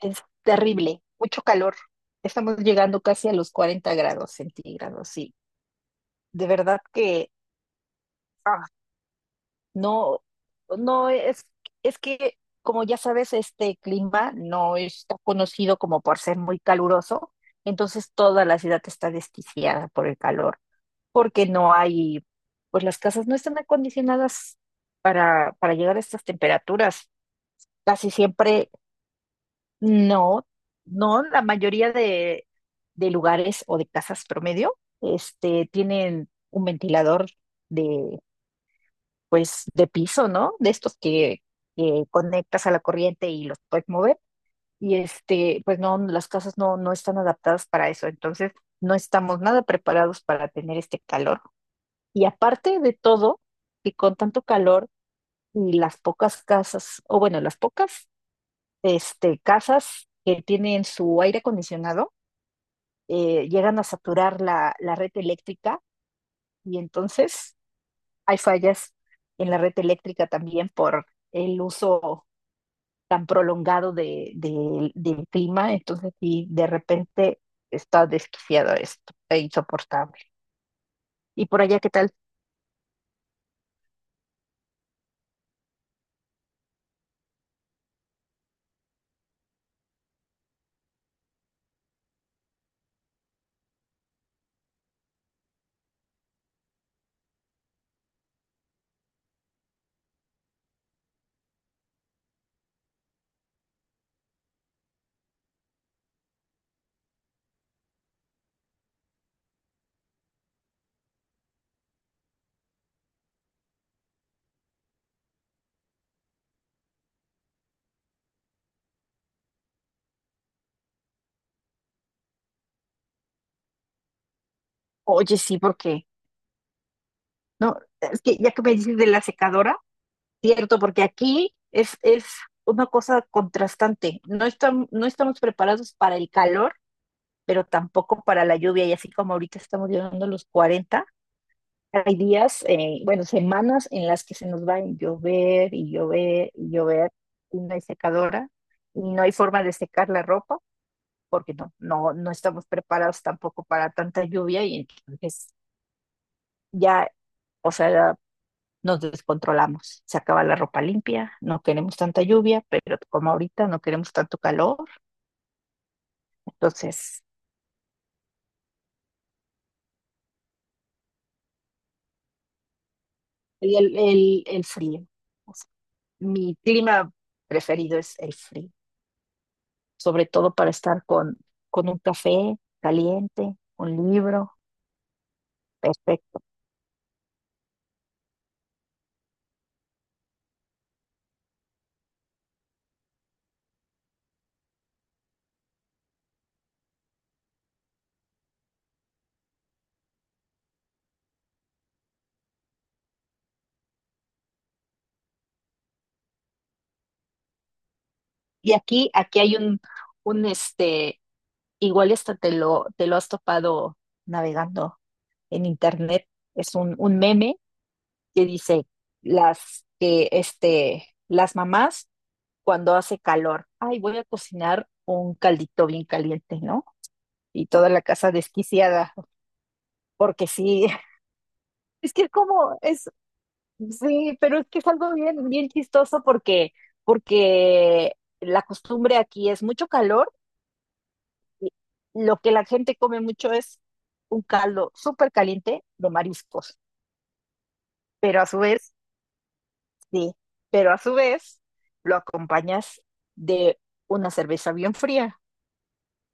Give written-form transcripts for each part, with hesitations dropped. Es terrible, mucho calor. Estamos llegando casi a los 40 grados centígrados, sí. De verdad que ah, no, no es que, como ya sabes, este clima no está conocido como por ser muy caluroso, entonces toda la ciudad está desquiciada por el calor, porque no hay, pues las casas no están acondicionadas para llegar a estas temperaturas. Casi siempre. No, no, la mayoría de lugares o de casas promedio, tienen un ventilador de, de piso, ¿no? De estos que conectas a la corriente y los puedes mover. Y pues no, las casas no están adaptadas para eso. Entonces, no estamos nada preparados para tener este calor. Y aparte de todo, que con tanto calor y las pocas casas, o bueno, las pocas, casas que tienen su aire acondicionado, llegan a saturar la red eléctrica y entonces hay fallas en la red eléctrica también por el uso tan prolongado del clima, entonces sí, de repente está desquiciado esto, e insoportable. ¿Y por allá qué tal? Oye, sí, porque, no, es que ya que me dices de la secadora, cierto, porque aquí es una cosa contrastante, no, no estamos preparados para el calor pero tampoco para la lluvia. Y así como ahorita estamos llegando a los 40 hay días, bueno, semanas en las que se nos va a llover y llover y llover y no hay secadora y no hay forma de secar la ropa porque no estamos preparados tampoco para tanta lluvia y entonces ya, o sea, nos descontrolamos. Se acaba la ropa limpia, no queremos tanta lluvia, pero como ahorita no queremos tanto calor, entonces y el frío. Mi clima preferido es el frío, sobre todo para estar con un café caliente, un libro, perfecto. Y aquí, aquí hay un igual esto te lo has topado navegando en internet, es un meme que dice las que las mamás cuando hace calor, ay, voy a cocinar un caldito bien caliente, ¿no? Y toda la casa desquiciada, porque sí. Es que como es. Sí, pero es que es algo bien, bien chistoso porque, porque la costumbre aquí es mucho calor y lo que la gente come mucho es un caldo súper caliente de mariscos, pero a su vez, sí, pero a su vez lo acompañas de una cerveza bien fría.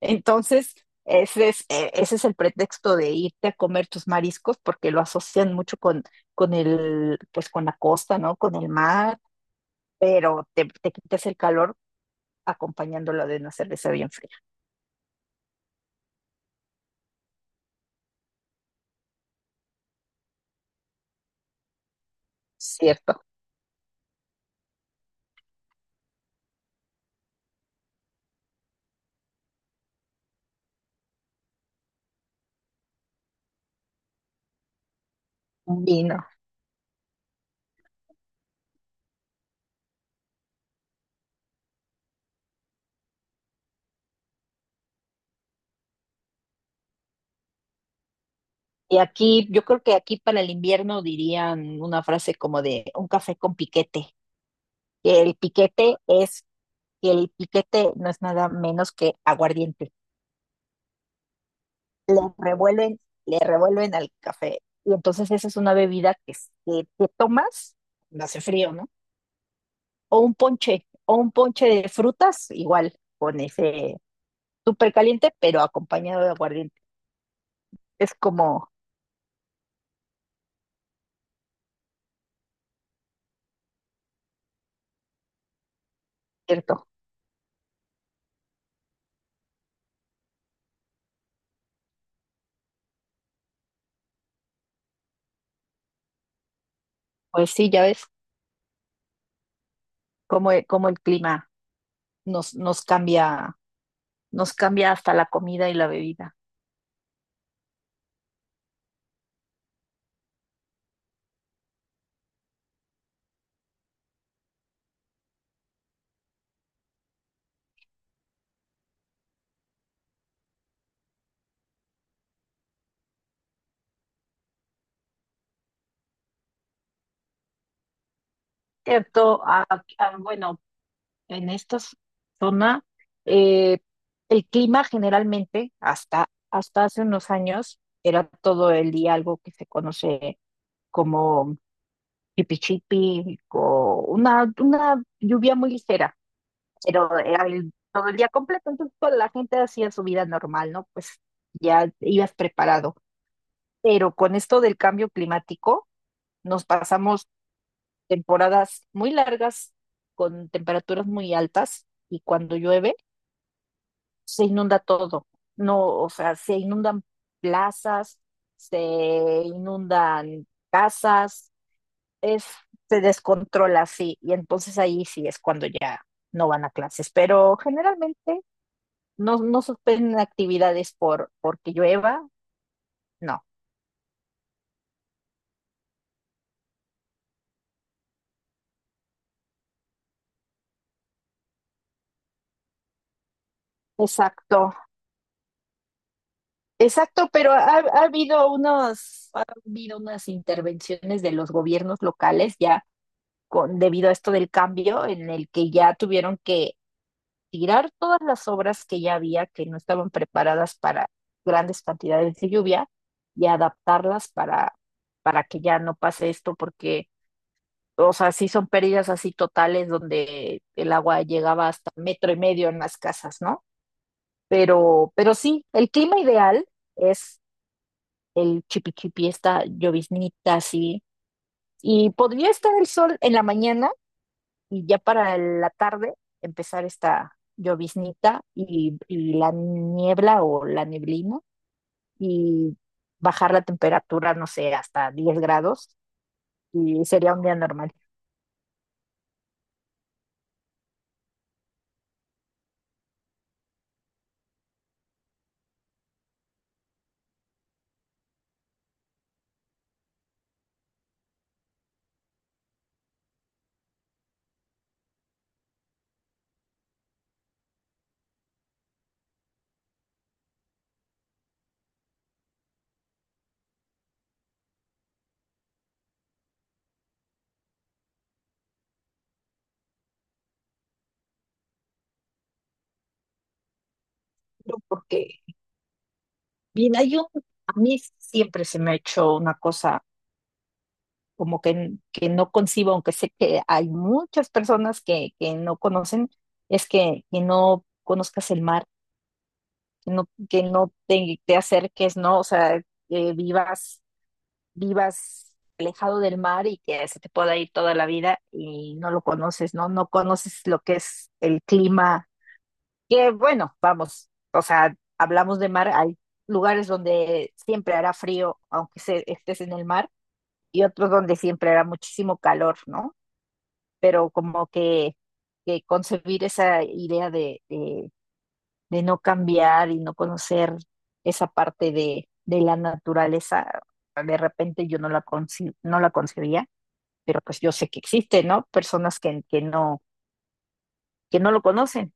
Entonces, ese es el pretexto de irte a comer tus mariscos porque lo asocian mucho con el, pues con la costa, ¿no? Con el mar, pero te quitas el calor acompañándolo de una cerveza bien fría, ¿cierto? Un vino. Y aquí, yo creo que aquí para el invierno dirían una frase como de un café con piquete, que el piquete es, que el piquete no es nada menos que aguardiente. Le revuelven, le revuelven al café. Y entonces esa es una bebida que te tomas cuando hace frío, ¿no? O un ponche, o un ponche de frutas, igual, con ese súper caliente, pero acompañado de aguardiente. Es como, ¿cierto? Pues sí, ya ves cómo, cómo el clima nos, nos cambia hasta la comida y la bebida. Cierto, bueno, en esta zona eh, el clima generalmente hasta hace unos años era todo el día algo que se conoce como chipi o una lluvia muy ligera, pero era todo el día completo, entonces toda la gente hacía su vida normal, ¿no? Pues ya ibas preparado. Pero con esto del cambio climático nos pasamos temporadas muy largas con temperaturas muy altas y cuando llueve se inunda todo. No, o sea, se inundan plazas, se inundan casas, es, se descontrola así y entonces ahí sí es cuando ya no van a clases, pero generalmente no, no suspenden actividades por porque llueva, no. Exacto. Exacto, pero ha habido unas intervenciones de los gobiernos locales ya con, debido a esto del cambio, en el que ya tuvieron que tirar todas las obras que ya había, que no estaban preparadas para grandes cantidades de lluvia, y adaptarlas para que ya no pase esto, porque, o sea, sí son pérdidas así totales donde el agua llegaba hasta metro y medio en las casas, ¿no? Pero sí, el clima ideal es el chipi chipi, esta lloviznita así. Y podría estar el sol en la mañana y ya para la tarde empezar esta lloviznita y la niebla o la neblina y bajar la temperatura, no sé, hasta 10 grados y sería un día normal. No, porque, bien, hay a mí siempre se me ha hecho una cosa como que, que no concibo, aunque sé que hay muchas personas que no conocen, es que no conozcas el mar que no te, te acerques, ¿no? O sea, que vivas, vivas alejado del mar y que se te pueda ir toda la vida y no lo conoces, ¿no? No conoces lo que es el clima, que bueno, vamos, o sea, hablamos de mar, hay lugares donde siempre hará frío, aunque estés en el mar, y otros donde siempre hará muchísimo calor, ¿no? Pero como que concebir esa idea de no cambiar y no conocer esa parte de la naturaleza, de repente yo no la concebía, pero pues yo sé que existe, ¿no? Personas que no, que no lo conocen.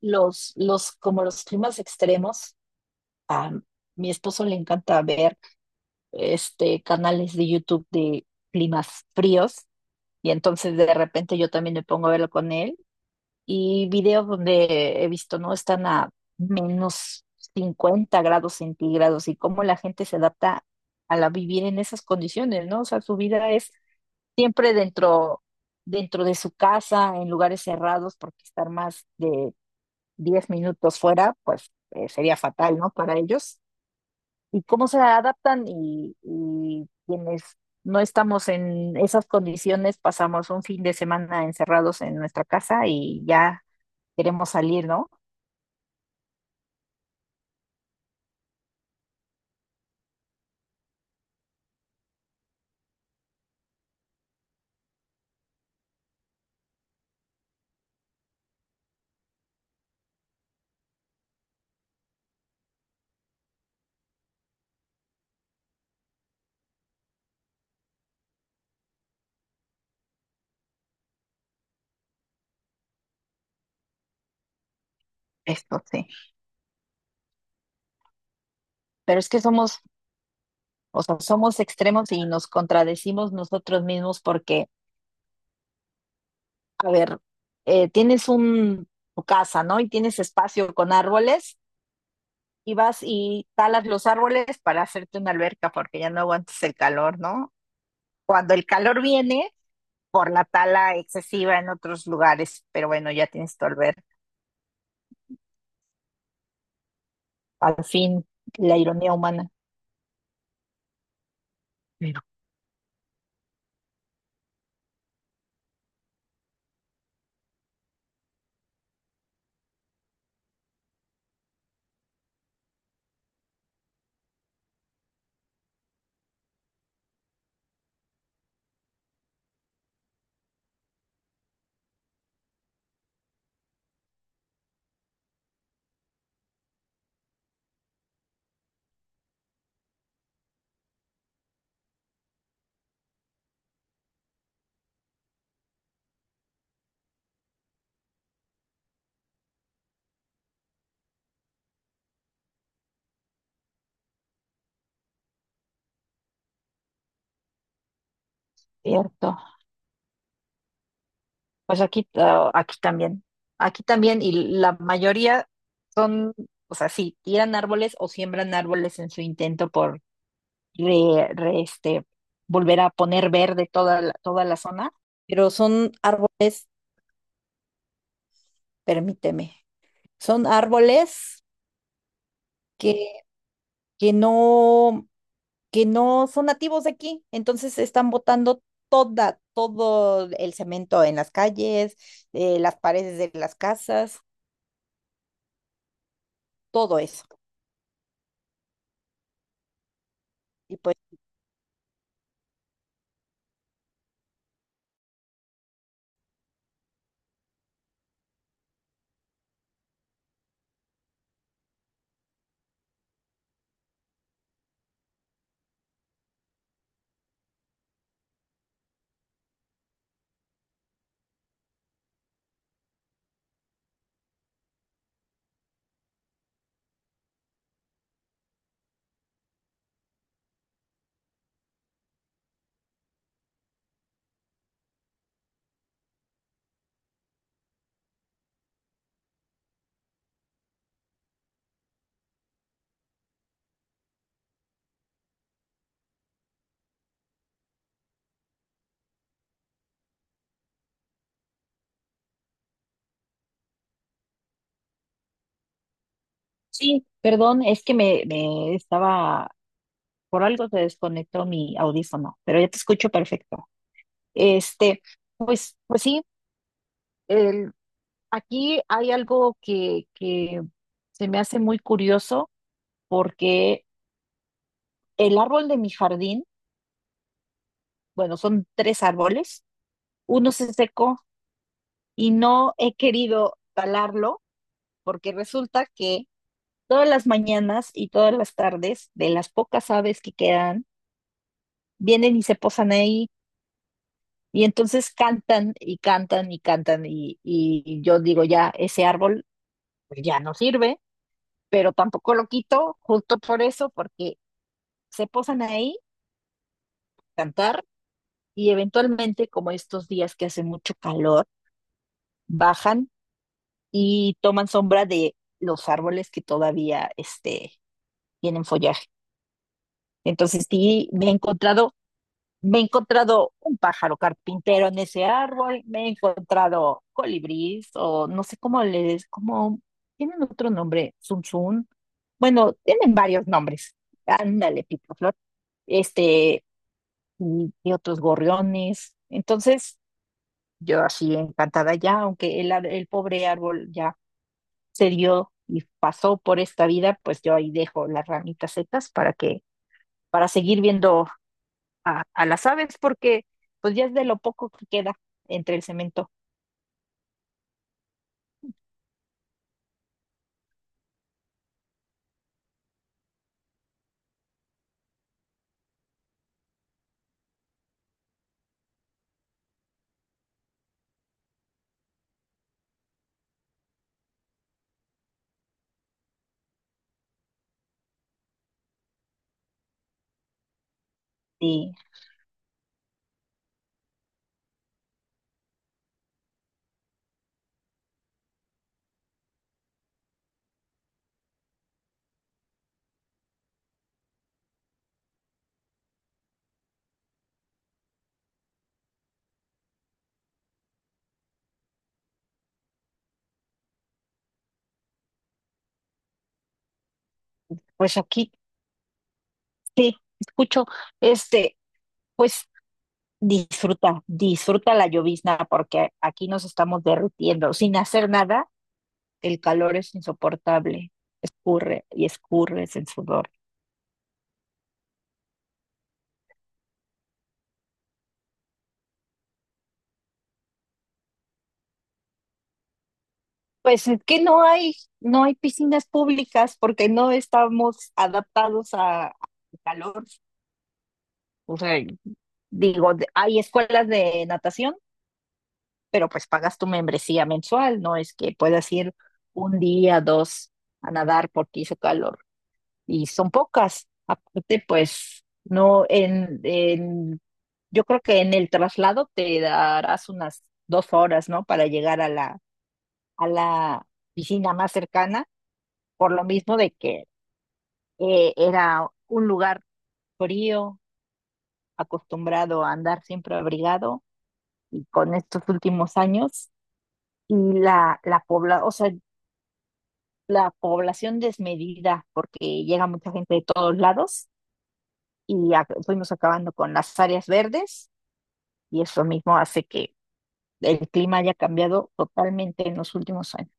Los como los climas extremos, a mi esposo le encanta ver canales de YouTube de climas fríos y entonces de repente yo también me pongo a verlo con él y videos donde he visto, ¿no? Están a -50 grados centígrados y cómo la gente se adapta a la vivir en esas condiciones, ¿no? O sea, su vida es siempre dentro, dentro de su casa, en lugares cerrados, porque estar más de 10 minutos fuera, pues sería fatal, ¿no? Para ellos. Y cómo se adaptan y quienes no estamos en esas condiciones, pasamos un fin de semana encerrados en nuestra casa y ya queremos salir, ¿no? Esto sí. Pero es que somos, o sea, somos extremos y nos contradecimos nosotros mismos porque, a ver, tienes tu casa, ¿no? Y tienes espacio con árboles y vas y talas los árboles para hacerte una alberca porque ya no aguantas el calor, ¿no? Cuando el calor viene por la tala excesiva en otros lugares, pero bueno, ya tienes tu alberca. Al fin, la ironía humana. Pero cierto. Pues aquí, aquí también, y la mayoría son, o sea, sí, tiran árboles o siembran árboles en su intento por re- re- este, volver a poner verde toda la zona, pero son árboles, permíteme, son árboles que, que no, que no son nativos de aquí, entonces están botando todo el cemento en las calles, las paredes de las casas, todo eso. Y pues sí, perdón, es que me estaba, por algo se desconectó mi audífono, pero ya te escucho perfecto. Este, pues, pues sí, el- aquí hay algo que se me hace muy curioso porque el árbol de mi jardín, bueno, son tres árboles, uno se secó y no he querido talarlo porque resulta que todas las mañanas y todas las tardes de las pocas aves que quedan, vienen y se posan ahí. Y entonces cantan y cantan y cantan y yo digo, ya, ese árbol, pues, ya no sirve, pero tampoco lo quito justo por eso, porque se posan ahí, a cantar y eventualmente, como estos días que hace mucho calor, bajan y toman sombra de los árboles que todavía tienen follaje. Entonces, sí, me he encontrado. Me he encontrado un pájaro carpintero en ese árbol, me he encontrado colibrís o no sé cómo les, cómo tienen otro nombre, zunzún. Bueno, tienen varios nombres. Ándale, picaflor. Este, y otros gorriones. Entonces, yo así encantada ya, aunque el, el pobre árbol ya se dio y pasó por esta vida, pues yo ahí dejo las ramitas secas para que, para seguir viendo a las aves porque pues ya es de lo poco que queda entre el cemento. Y pues aquí, sí, escucho, este, pues disfruta, disfruta la llovizna porque aquí nos estamos derritiendo. Sin hacer nada, el calor es insoportable. Escurre y escurres el sudor. Pues es que no hay, no hay piscinas públicas porque no estamos adaptados a, al calor. O sea, digo, de- hay escuelas de natación, pero pues pagas tu membresía mensual, no es que puedas ir un día, dos a nadar porque hizo calor y son pocas. Aparte, pues no en, en yo creo que en el traslado te darás unas 2 horas, ¿no? Para llegar a a la piscina más cercana, por lo mismo de que era un lugar frío, acostumbrado a andar siempre abrigado, y con estos últimos años, y la, la pobla, o sea, la población desmedida porque llega mucha gente de todos lados y fuimos acabando con las áreas verdes y eso mismo hace que el clima haya cambiado totalmente en los últimos años.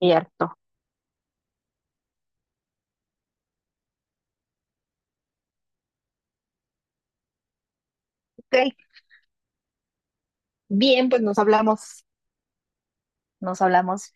Cierto. Ok, bien, pues nos hablamos, nos hablamos.